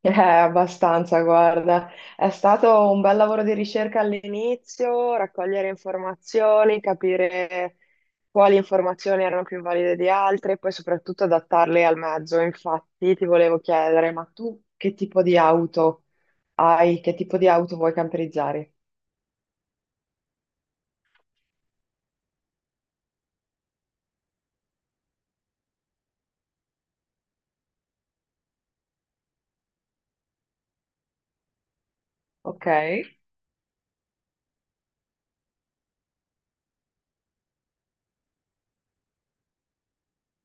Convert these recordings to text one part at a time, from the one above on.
Abbastanza, guarda. È stato un bel lavoro di ricerca all'inizio, raccogliere informazioni, capire quali informazioni erano più valide di altre e poi soprattutto adattarle al mezzo. Infatti, ti volevo chiedere, ma tu che tipo di auto hai? Che tipo di auto vuoi camperizzare? Ok,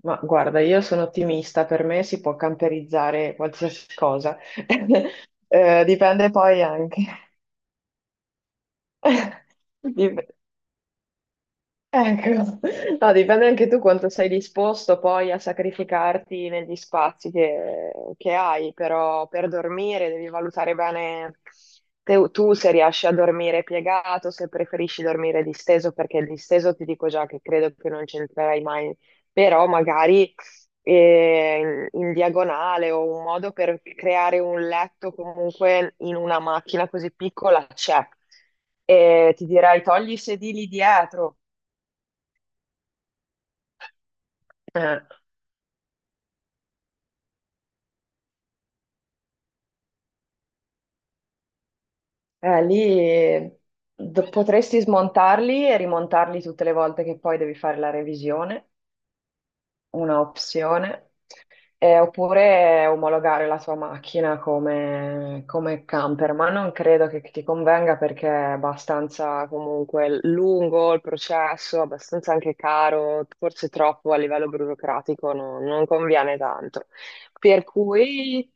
ma guarda, io sono ottimista, per me si può camperizzare qualsiasi cosa. Dipende poi anche. Dip- Ecco, no, dipende anche tu quanto sei disposto poi a sacrificarti negli spazi che hai, però per dormire devi valutare bene tu se riesci a dormire piegato, se preferisci dormire disteso, perché il disteso ti dico già che credo che non c'entrerai mai, però magari in diagonale o un modo per creare un letto comunque in una macchina così piccola c'è. E ti dirai togli i sedili dietro. Eh, lì potresti smontarli e rimontarli tutte le volte che poi devi fare la revisione, una opzione, oppure omologare la tua macchina come, come camper, ma non credo che ti convenga perché è abbastanza comunque lungo il processo, abbastanza anche caro, forse troppo a livello burocratico, non conviene tanto. Per cui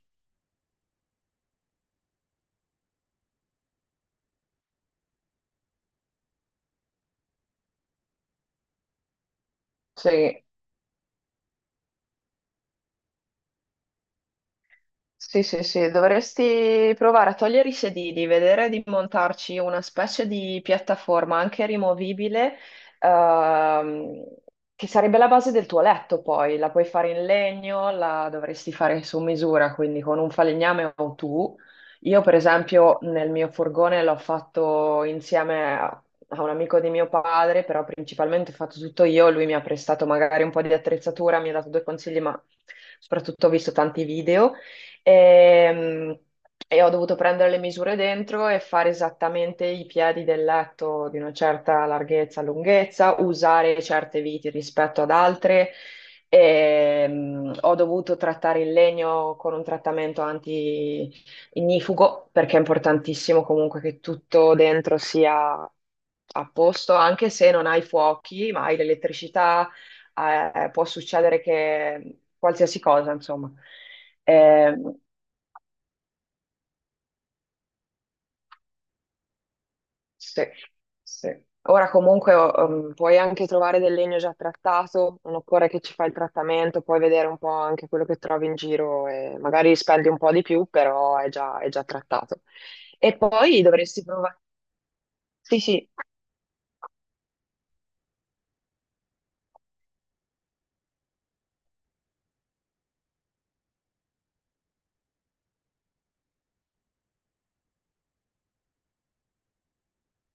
sì. Sì, sì, sì, dovresti provare a togliere i sedili, vedere di montarci una specie di piattaforma anche rimovibile, ehm, che sarebbe la base del tuo letto poi, la puoi fare in legno, la dovresti fare su misura, quindi con un falegname o tu. Io per esempio nel mio furgone l'ho fatto insieme a un amico di mio padre, però principalmente ho fatto tutto io, lui mi ha prestato magari un po' di attrezzatura, mi ha dato due consigli, ma soprattutto ho visto tanti video. E, e ho dovuto prendere le misure dentro e fare esattamente i piedi del letto di una certa larghezza, lunghezza, usare certe viti rispetto ad altre. E, ho dovuto trattare il legno con un trattamento anti-ignifugo perché è importantissimo comunque che tutto dentro sia a posto, anche se non hai fuochi, ma hai l'elettricità, può succedere che qualsiasi cosa, insomma. Ehm, Sì, sì. Ora comunque puoi anche trovare del legno già trattato, non occorre che ci fai il trattamento, puoi vedere un po' anche quello che trovi in giro e magari spendi un po' di più, però è già trattato. E poi dovresti provare. Sì, sì,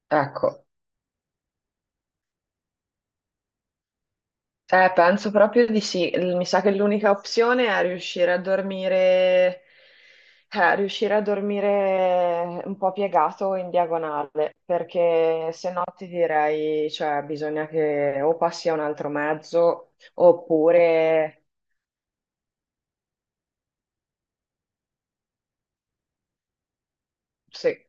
ecco. Penso proprio di sì. Mi sa che l'unica opzione è riuscire a dormire un po' piegato in diagonale, perché se no ti direi, cioè, bisogna che o passi a un altro mezzo, oppure se,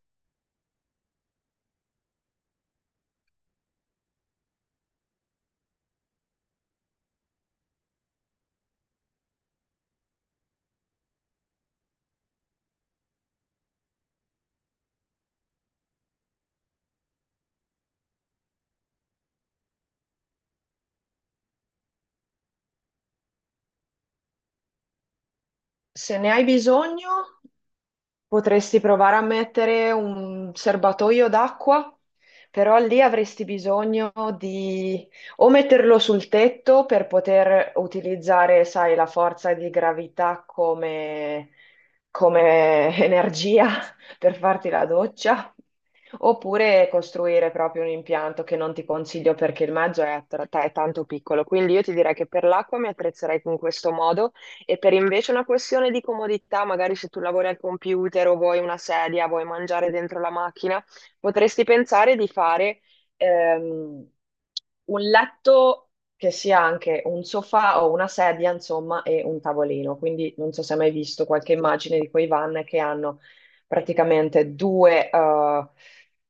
se ne hai bisogno. Potresti provare a mettere un serbatoio d'acqua, però lì avresti bisogno di o metterlo sul tetto per poter utilizzare, sai, la forza di gravità come energia per farti la doccia, oppure costruire proprio un impianto che non ti consiglio perché il mezzo è, è tanto piccolo. Quindi io ti direi che per l'acqua mi attrezzerei in questo modo e per invece una questione di comodità, magari se tu lavori al computer o vuoi una sedia, vuoi mangiare dentro la macchina, potresti pensare di fare ehm, un letto che sia anche un sofà o una sedia, insomma, e un tavolino. Quindi non so se hai mai visto qualche immagine di quei van che hanno praticamente due eh,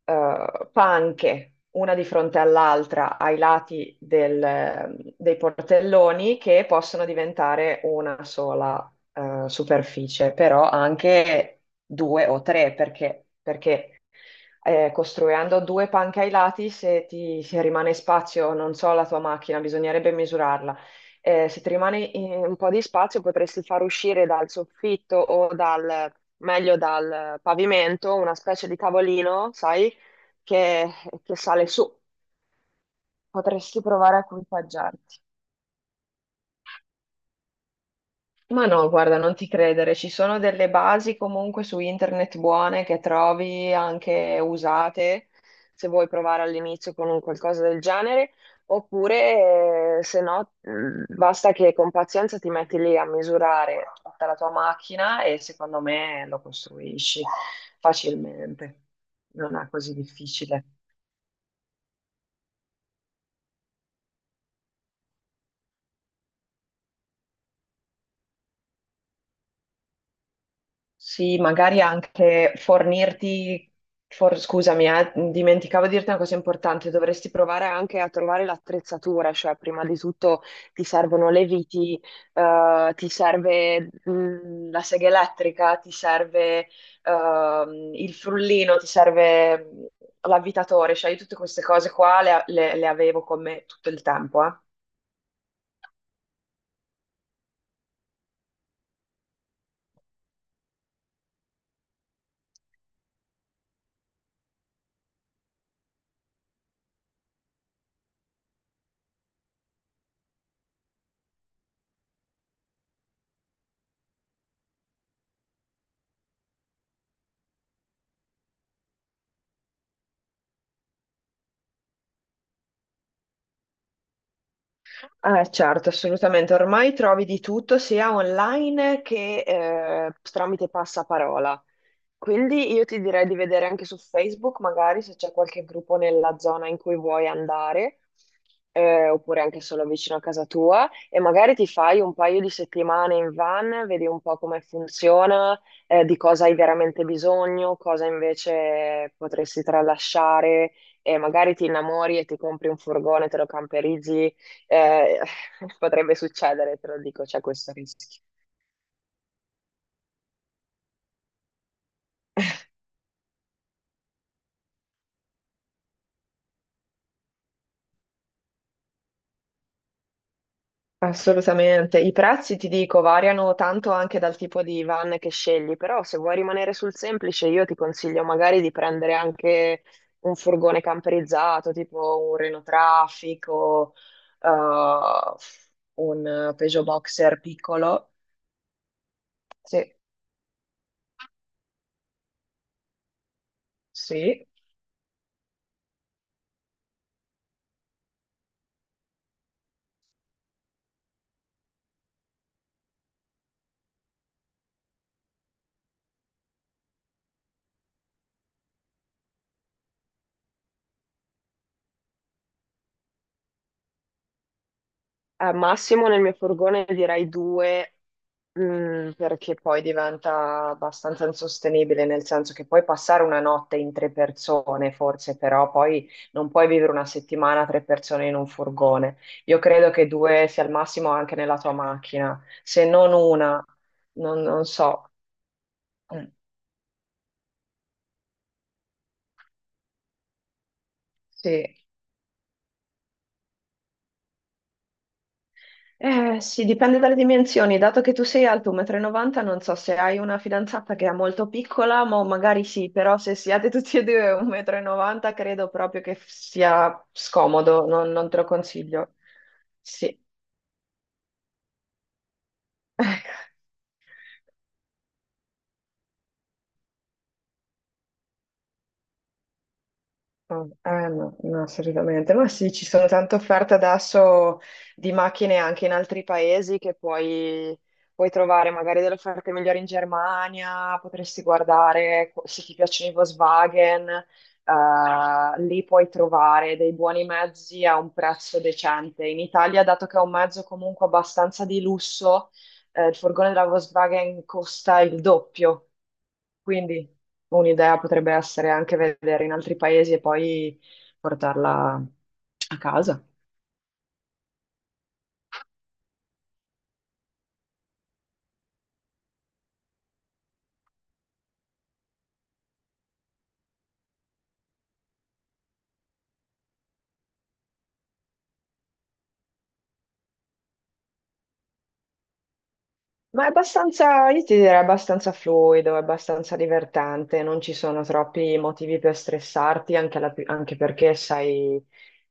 eh, panche, una di fronte all'altra, ai lati dei portelloni, che possono diventare una sola superficie, però anche due o tre, perché costruendo due panche ai lati, se rimane spazio, non so, la tua macchina, bisognerebbe misurarla. Se ti rimane un po' di spazio, potresti far uscire dal soffitto o meglio dal pavimento, una specie di tavolino, sai, che, che sale su. Potresti provare a equipaggiarti. Ma no, guarda, non ti credere, ci sono delle basi comunque su internet buone che trovi anche usate, se vuoi provare all'inizio con un qualcosa del genere, oppure se no, basta che con pazienza ti metti lì a misurare tutta la tua macchina e secondo me lo costruisci facilmente, non è così difficile. Sì, magari anche fornirti, scusami, dimenticavo di dirti una cosa importante, dovresti provare anche a trovare l'attrezzatura, cioè prima di tutto ti servono le viti, ti serve la sega elettrica, ti serve il frullino, ti serve l'avvitatore, cioè io tutte queste cose qua le avevo con me tutto il tempo, eh. Certo, assolutamente. Ormai trovi di tutto sia online che tramite passaparola. Quindi io ti direi di vedere anche su Facebook, magari se c'è qualche gruppo nella zona in cui vuoi andare, oppure anche solo vicino a casa tua, e magari ti fai un paio di settimane in van, vedi un po' come funziona, di cosa hai veramente bisogno, cosa invece potresti tralasciare, e magari ti innamori e ti compri un furgone, te lo camperizzi, eh, potrebbe succedere, te lo dico, c'è questo rischio. Assolutamente. I prezzi, ti dico, variano tanto anche dal tipo di van che scegli, però se vuoi rimanere sul semplice, io ti consiglio magari di prendere anche un furgone camperizzato, tipo un Renault Traffic o eh, un Peugeot Boxer piccolo. Sì, sì. Al massimo nel mio furgone direi due. Perché poi diventa abbastanza insostenibile, nel senso che puoi passare una notte in tre persone, forse, però poi non puoi vivere una settimana tre persone in un furgone. Io credo che due sia al massimo anche nella tua macchina, se non una, non, non so. Mm, sì. Sì, dipende dalle dimensioni. Dato che tu sei alto 1,90 m, non so se hai una fidanzata che è molto piccola, ma magari sì, però se siete tutti e due 1,90 m, credo proprio che sia scomodo, non, non te lo consiglio. Sì. Oh, eh no, no, assolutamente. Ma sì, ci sono tante offerte adesso di macchine anche in altri paesi che puoi trovare magari delle offerte migliori in Germania, potresti guardare se ti piacciono i Volkswagen, lì puoi trovare dei buoni mezzi a un prezzo decente. In Italia, dato che è un mezzo comunque abbastanza di lusso, il furgone della Volkswagen costa il doppio. Quindi un'idea potrebbe essere anche vedere in altri paesi e poi portarla a casa. Ma è abbastanza, io ti direi abbastanza fluido, è abbastanza divertente, non ci sono troppi motivi per stressarti, anche, anche perché sei,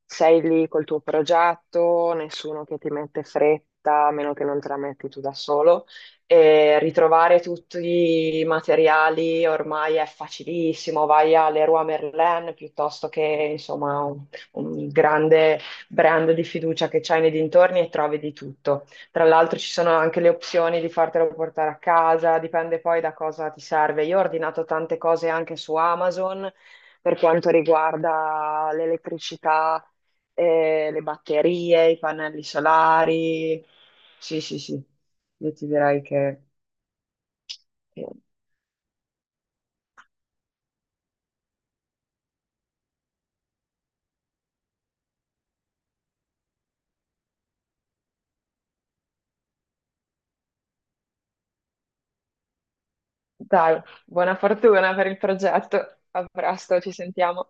sei lì col tuo progetto, nessuno che ti mette fretta, a meno che non te la metti tu da solo. E ritrovare tutti i materiali ormai è facilissimo, vai a Leroy Merlin piuttosto che insomma un grande brand di fiducia che c'hai nei dintorni e trovi di tutto. Tra l'altro ci sono anche le opzioni di fartelo portare a casa, dipende poi da cosa ti serve. Io ho ordinato tante cose anche su Amazon per quanto riguarda l'elettricità, le batterie, i pannelli solari. Sì, sì, sì, io ti direi che- Dai, buona fortuna per il progetto. A presto, ci sentiamo.